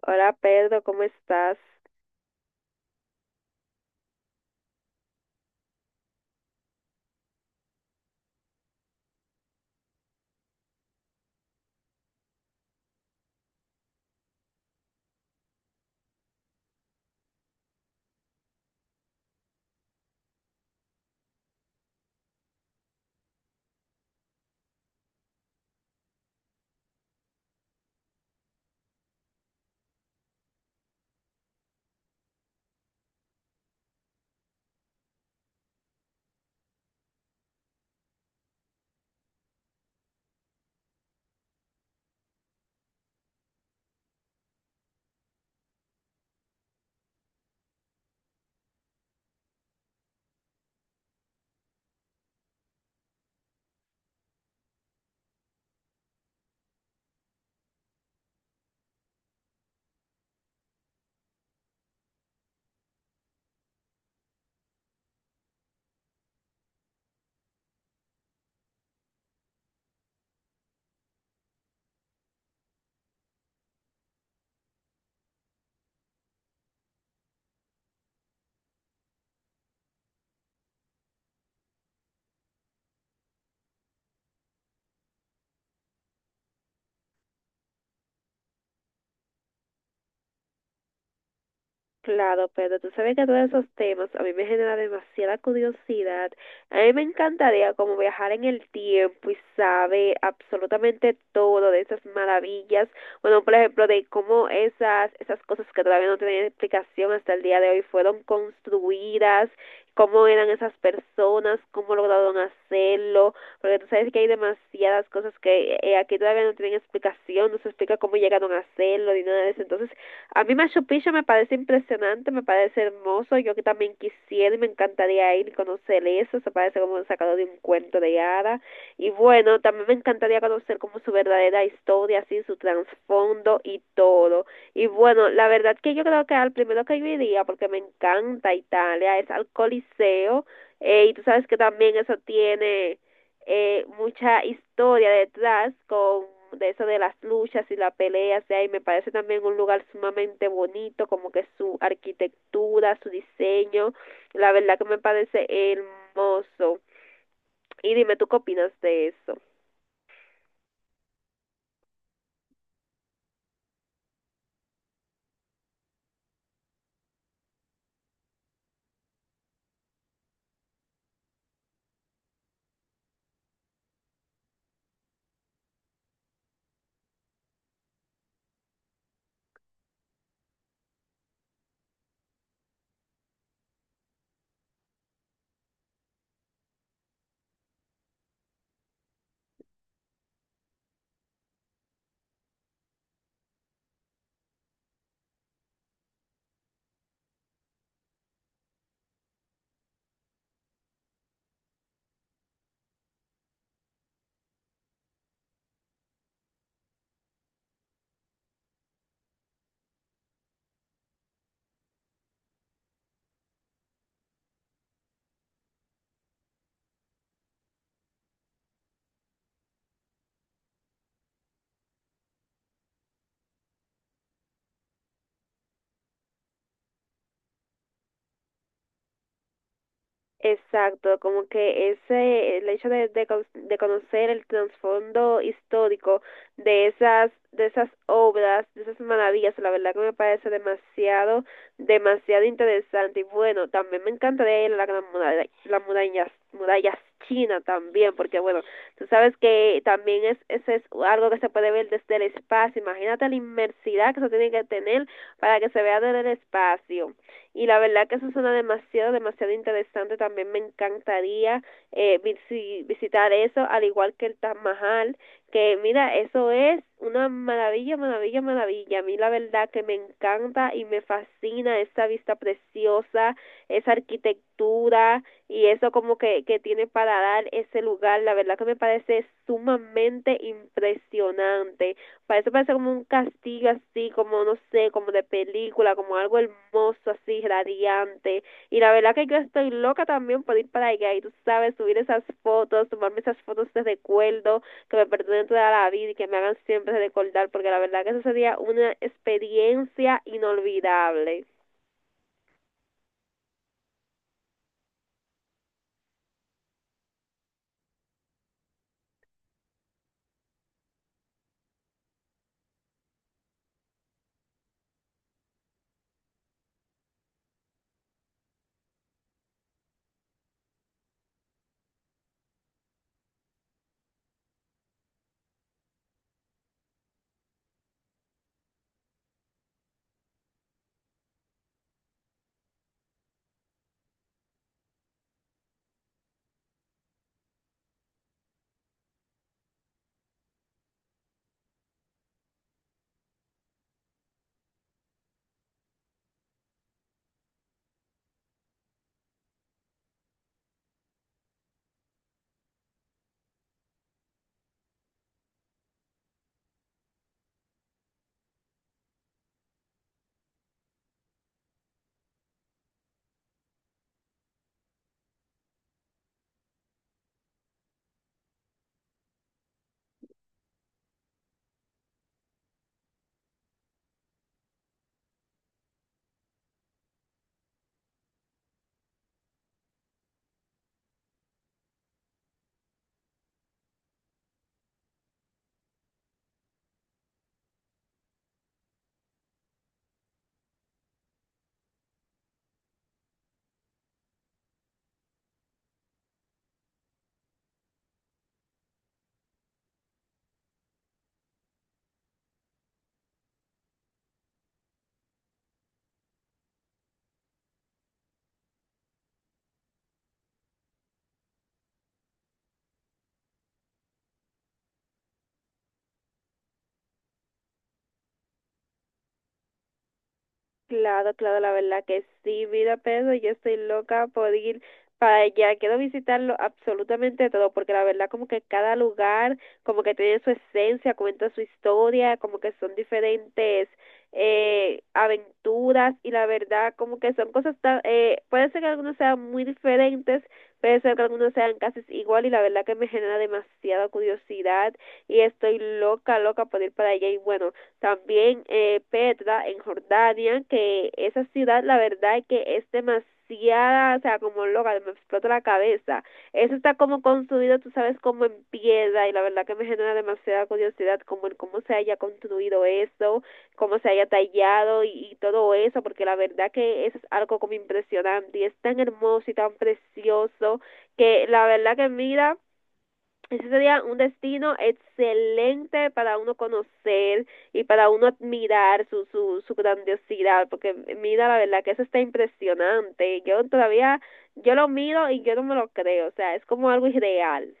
Hola Pedro, ¿cómo estás? Claro, pero tú sabes que todos esos temas a mí me genera demasiada curiosidad. A mí me encantaría como viajar en el tiempo y saber absolutamente todo de esas maravillas. Bueno, por ejemplo, de cómo esas cosas que todavía no tienen explicación hasta el día de hoy fueron construidas, cómo eran esas personas, cómo lograron hacerlo. Porque tú sabes que hay demasiadas cosas que aquí todavía no tienen explicación, no se explica cómo llegaron a hacerlo ni nada de eso. Entonces, a mí Machu Picchu me parece impresionante, me parece hermoso. Yo que también quisiera y me encantaría ir y conocer eso. Se parece como sacado de un cuento de hadas. Y bueno, también me encantaría conocer como su verdadera historia, así su trasfondo y todo. Y bueno, la verdad que yo creo que al primero que yo iría, porque me encanta Italia, es al Coliseo. Y tú sabes que también eso tiene mucha historia detrás con de eso de las luchas y las peleas de ahí, me parece también un lugar sumamente bonito, como que su arquitectura, su diseño, la verdad que me parece hermoso. Y dime tú qué opinas de eso. Exacto, como que ese, el hecho de, de conocer el trasfondo histórico de esas obras, de esas maravillas, la verdad que me parece demasiado, demasiado interesante. Y bueno, también me encantaría ir a la gran muralla, la muralla china también, porque bueno, tú sabes que también es, ese es algo que se puede ver desde el espacio. Imagínate la inmersidad que se tiene que tener para que se vea desde el espacio, y la verdad que eso suena demasiado, demasiado interesante. También me encantaría, visitar eso, al igual que el Taj Mahal, que mira, eso es una maravilla. A mí la verdad que me encanta y me fascina esa vista preciosa, esa arquitectura y eso como que tiene para dar ese lugar. La verdad que me parece sumamente impresionante. Parece como un castigo así, como no sé, como de película, como algo hermoso así, radiante. Y la verdad que yo estoy loca también por ir para allá y tú sabes, subir esas fotos, tomarme esas fotos de recuerdo que me pertenecen toda la vida y que me hagan siempre recordar, porque la verdad que eso sería una experiencia inolvidable. Claro, claro, la verdad que sí, vida Pedro, yo estoy loca por ir para allá. Quiero visitarlo absolutamente todo, porque la verdad como que cada lugar como que tiene su esencia, cuenta su historia, como que son diferentes aventuras, y la verdad como que son cosas tan, puede ser que algunos sean muy diferentes, puede ser que algunos sean casi igual, y la verdad que me genera demasiada curiosidad y estoy loca, loca por ir para allá. Y bueno, también Petra en Jordania, que esa ciudad la verdad es que es demasiada, o sea, como loca, me explota la cabeza. Eso está como construido, tú sabes, como en piedra, y la verdad que me genera demasiada curiosidad como en cómo se haya construido eso, cómo se haya tallado y todo eso, porque la verdad que eso es algo como impresionante y es tan hermoso y tan precioso que la verdad que mira, ese sería un destino excelente para uno conocer y para uno admirar su grandiosidad, porque mira, la verdad que eso está impresionante. Yo todavía, yo lo miro y yo no me lo creo, o sea, es como algo irreal.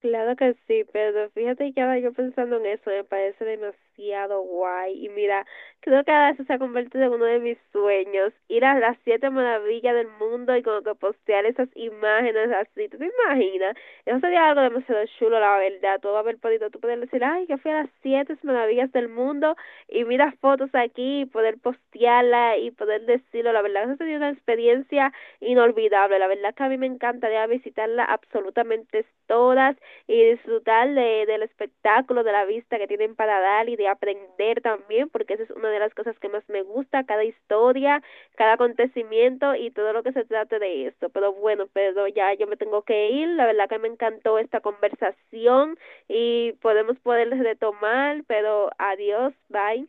Claro que sí, pero fíjate que ahora yo pensando en eso me parece demasiado guay. Y mira, creo que ahora eso se ha convertido en uno de mis sueños, ir a las siete maravillas del mundo y como que postear esas imágenes así. ¿Tú te imaginas? Eso sería algo demasiado chulo, la verdad. Tú vas a ver podito, tú puedes decir, ay, que fui a las siete maravillas del mundo y mira fotos aquí y poder postearla y poder decirlo. La verdad, eso sería una experiencia inolvidable. La verdad que a mí me encantaría visitarla absolutamente todas y disfrutar de, del espectáculo, de la vista que tienen para dar y de aprender también, porque esa es una de las cosas que más me gusta, cada historia, cada acontecimiento y todo lo que se trate de esto. Pero bueno, pero ya yo me tengo que ir, la verdad que me encantó esta conversación y podemos poder retomar, pero adiós, bye,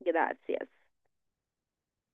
gracias.